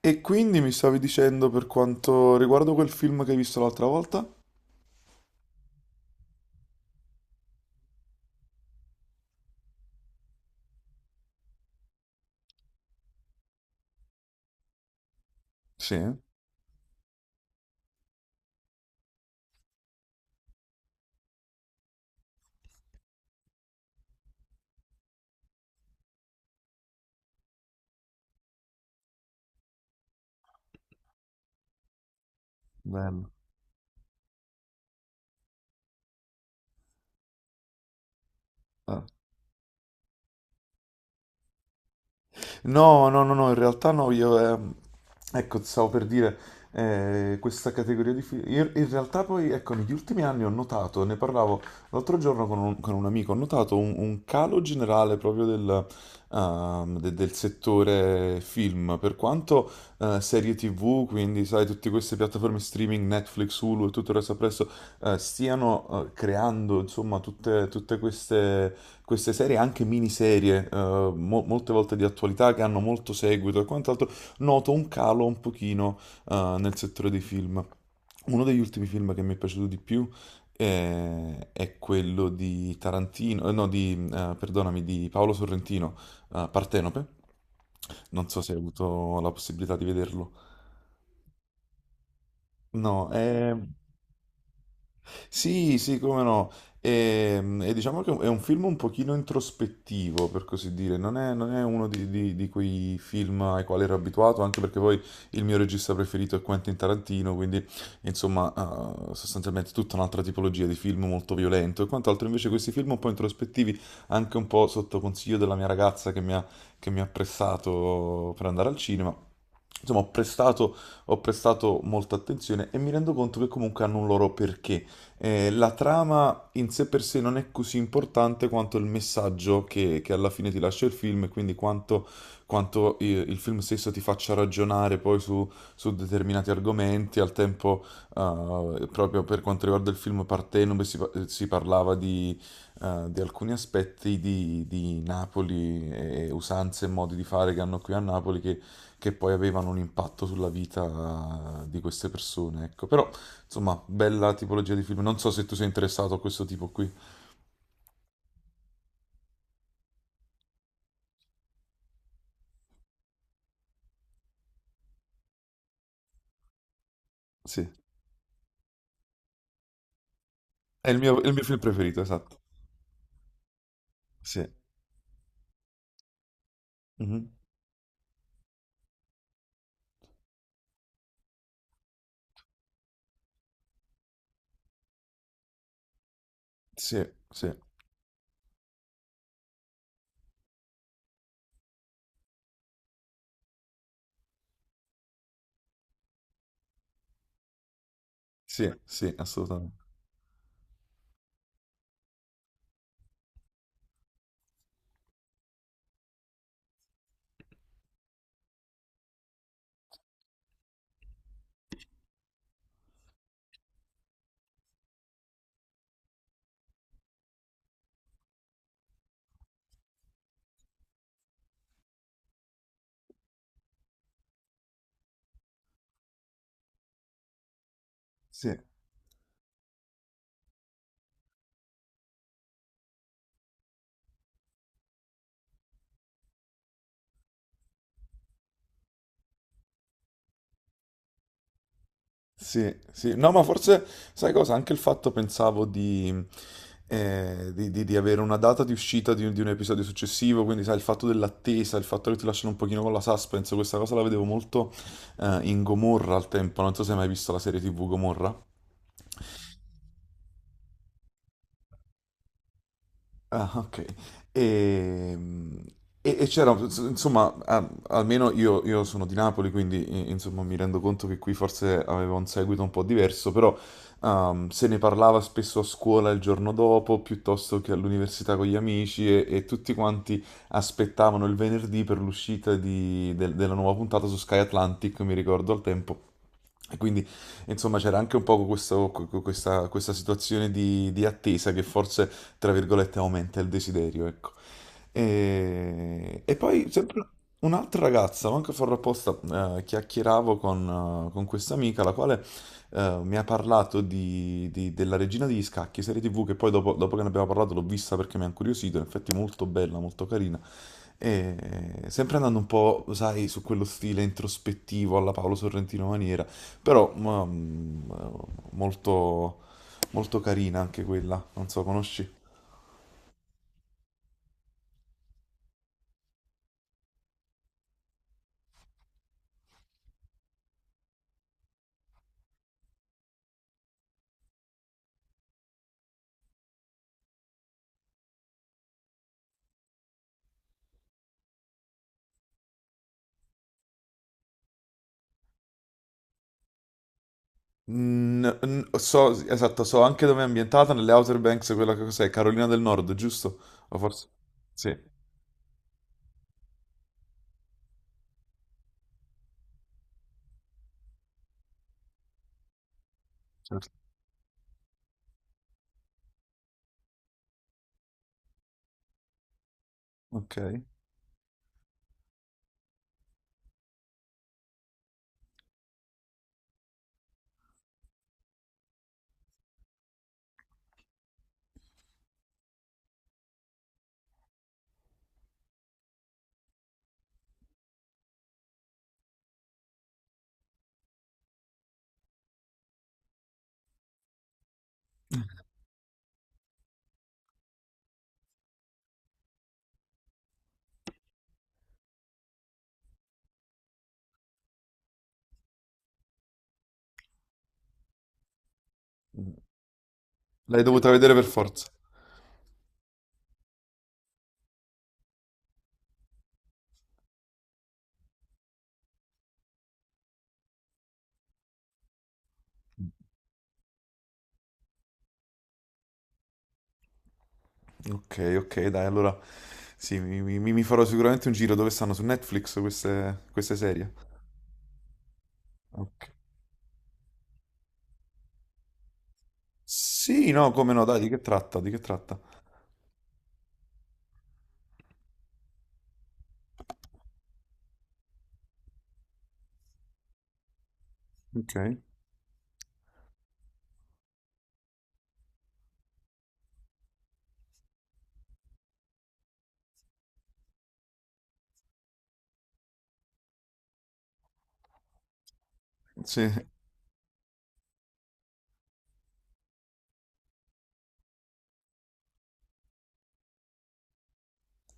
E quindi mi stavi dicendo per quanto riguardo quel film che hai visto l'altra volta? Sì, bello. No, no, no, no, in realtà no, io, ecco, stavo per dire, questa categoria di film, in realtà poi, ecco, negli ultimi anni ho notato, ne parlavo l'altro giorno con un amico, ho notato un calo generale proprio del settore film, per quanto serie TV, quindi sai, tutte queste piattaforme streaming, Netflix, Hulu e tutto il resto appresso, stiano creando, insomma, tutte queste serie, anche miniserie, molte volte di attualità che hanno molto seguito e quant'altro, noto un calo un pochino nel settore dei film. Uno degli ultimi film che mi è piaciuto di più è quello di Tarantino, no, perdonami, di Paolo Sorrentino, Partenope. Non so se hai avuto la possibilità di vederlo. No, è. Sì, sì, come no. E diciamo che è un film un pochino introspettivo, per così dire, non è uno di quei film ai quali ero abituato, anche perché poi il mio regista preferito è Quentin Tarantino, quindi insomma, sostanzialmente tutta un'altra tipologia di film molto violento e quant'altro. Invece questi film un po' introspettivi, anche un po' sotto consiglio della mia ragazza che mi ha pressato per andare al cinema. Insomma, ho prestato molta attenzione e mi rendo conto che comunque hanno un loro perché la trama in sé per sé non è così importante quanto il messaggio che alla fine ti lascia il film e quindi quanto il film stesso ti faccia ragionare poi su determinati argomenti. Al tempo, proprio per quanto riguarda il film Partenope, si parlava di alcuni aspetti di Napoli e usanze e modi di fare che hanno qui a Napoli che poi avevano un impatto sulla vita di queste persone, ecco. Però insomma, bella tipologia di film. Non so se tu sei interessato a questo tipo qui. Sì, è il mio film preferito, esatto. Sì. Mhm. Sì, sì, sì, sì, assolutamente. Sì, sì, sì. No, ma forse, sai cosa? Anche il fatto, pensavo, di avere una data di uscita di un episodio successivo, quindi, sai, il fatto dell'attesa, il fatto che ti lasciano un pochino con la suspense, questa cosa la vedevo molto, in Gomorra al tempo. Non so se hai mai visto la serie TV Gomorra. Ah, ok. Ehm, e c'era, insomma, ah, almeno io sono di Napoli, quindi insomma mi rendo conto che qui forse aveva un seguito un po' diverso, però se ne parlava spesso a scuola il giorno dopo, piuttosto che all'università con gli amici e tutti quanti aspettavano il venerdì per l'uscita della nuova puntata su Sky Atlantic, mi ricordo al tempo. E quindi, insomma, c'era anche un po' questa situazione di attesa che forse tra virgolette, aumenta il desiderio, ecco. E poi sempre un'altra ragazza, manco farlo apposta, chiacchieravo con questa amica, la quale mi ha parlato della Regina degli Scacchi, serie TV, che poi dopo che ne abbiamo parlato l'ho vista perché mi ha incuriosito, in effetti molto bella, molto carina. E sempre andando un po', sai, su quello stile introspettivo alla Paolo Sorrentino maniera, però molto, molto carina anche quella, non so, conosci? Mm, so, esatto, so anche dove è ambientata, nelle Outer Banks, quella che cos'è, Carolina del Nord, giusto? O forse. Sì, certo. Ok. L'hai dovuta vedere per forza. Ok, ok, dai, allora. Sì, mi farò sicuramente un giro dove stanno su Netflix queste serie. Ok. Sì, no, come no, dai, di che tratta? Di che tratta? Ok. Sì.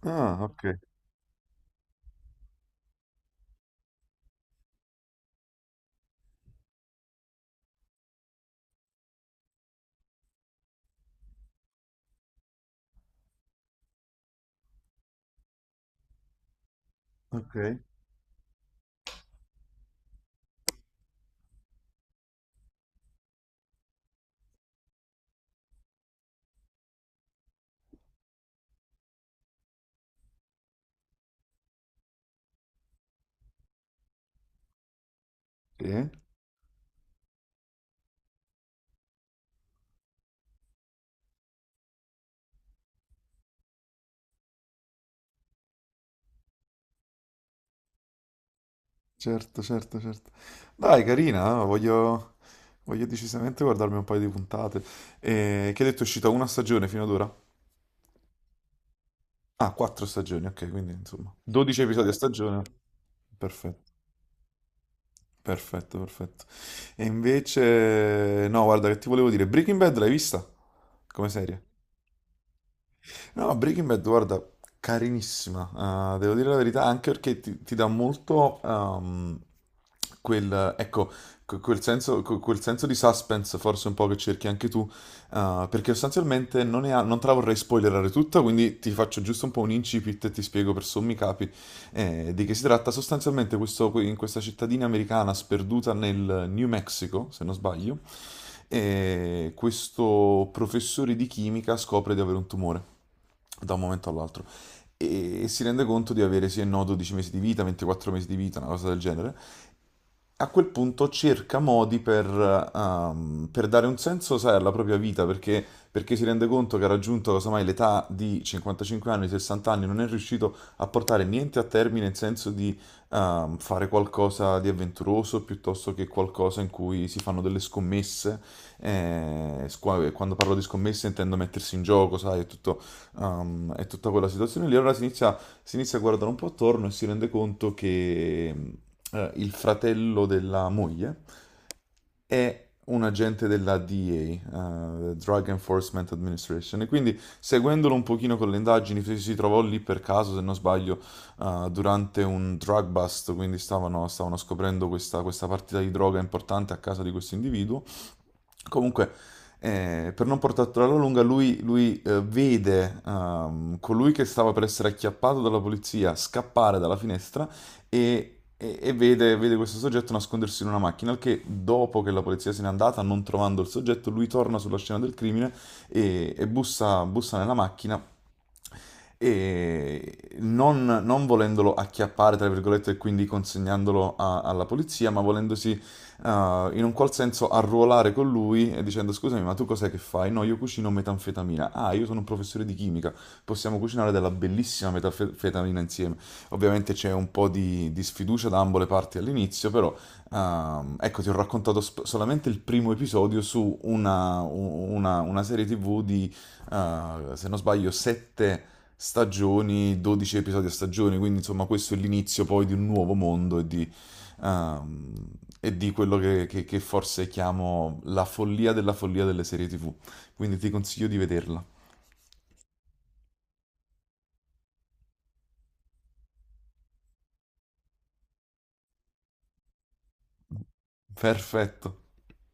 Ah, ok. Ok. Sì, certo, certo, certo. Dai, carina, Voglio decisamente guardarmi un paio di puntate. E che hai detto è uscita una stagione fino ad ora? Ah, 4 stagioni, ok, quindi insomma, 12 episodi a stagione. Perfetto, perfetto, perfetto. E invece, no, guarda che ti volevo dire, Breaking Bad l'hai vista? Come serie? No, Breaking Bad, guarda, carinissima, devo dire la verità, anche perché ti dà molto ecco, quel senso di suspense, forse un po' che cerchi anche tu, perché sostanzialmente non, ne ha- non te la vorrei spoilerare tutta, quindi ti faccio giusto un po' un incipit e ti spiego per sommi capi di che si tratta. Sostanzialmente in questa cittadina americana sperduta nel New Mexico, se non sbaglio, e questo professore di chimica scopre di avere un tumore da un momento all'altro e si rende conto di avere sì e no 12 mesi di vita, 24 mesi di vita, una cosa del genere. A quel punto cerca modi per dare un senso, sai, alla propria vita, perché si rende conto che ha raggiunto, casomai, l'età di 55 anni, 60 anni, non è riuscito a portare niente a termine in senso di fare qualcosa di avventuroso, piuttosto che qualcosa in cui si fanno delle scommesse. Quando parlo di scommesse intendo mettersi in gioco, sai, è tutto, è tutta quella situazione lì. Allora si inizia a guardare un po' attorno e si rende conto che il fratello della moglie è un agente della DEA, Drug Enforcement Administration, e quindi seguendolo un pochino con le indagini, si trovò lì per caso, se non sbaglio, durante un drug bust, quindi stavano scoprendo questa partita di droga importante a casa di questo individuo. Comunque, per non portarla alla lunga, lui vede colui che stava per essere acchiappato dalla polizia scappare dalla finestra e vede questo soggetto nascondersi in una macchina, al che dopo che la polizia se n'è andata, non trovando il soggetto, lui torna sulla scena del crimine e bussa nella macchina e non volendolo acchiappare, tra virgolette, e quindi consegnandolo alla polizia, ma volendosi in un qual senso arruolare con lui e dicendo scusami, ma tu cos'è che fai? No, io cucino metanfetamina. Ah, io sono un professore di chimica, possiamo cucinare della bellissima metanfetamina insieme. Ovviamente c'è un po' di sfiducia da ambo le parti all'inizio, però ecco, ti ho raccontato solamente il primo episodio su una serie TV di se non sbaglio, 7 stagioni, 12 episodi a stagione, quindi insomma questo è l'inizio poi di un nuovo mondo ehm, e di quello che forse chiamo la follia della follia delle serie TV. Quindi ti consiglio di vederla. Perfetto.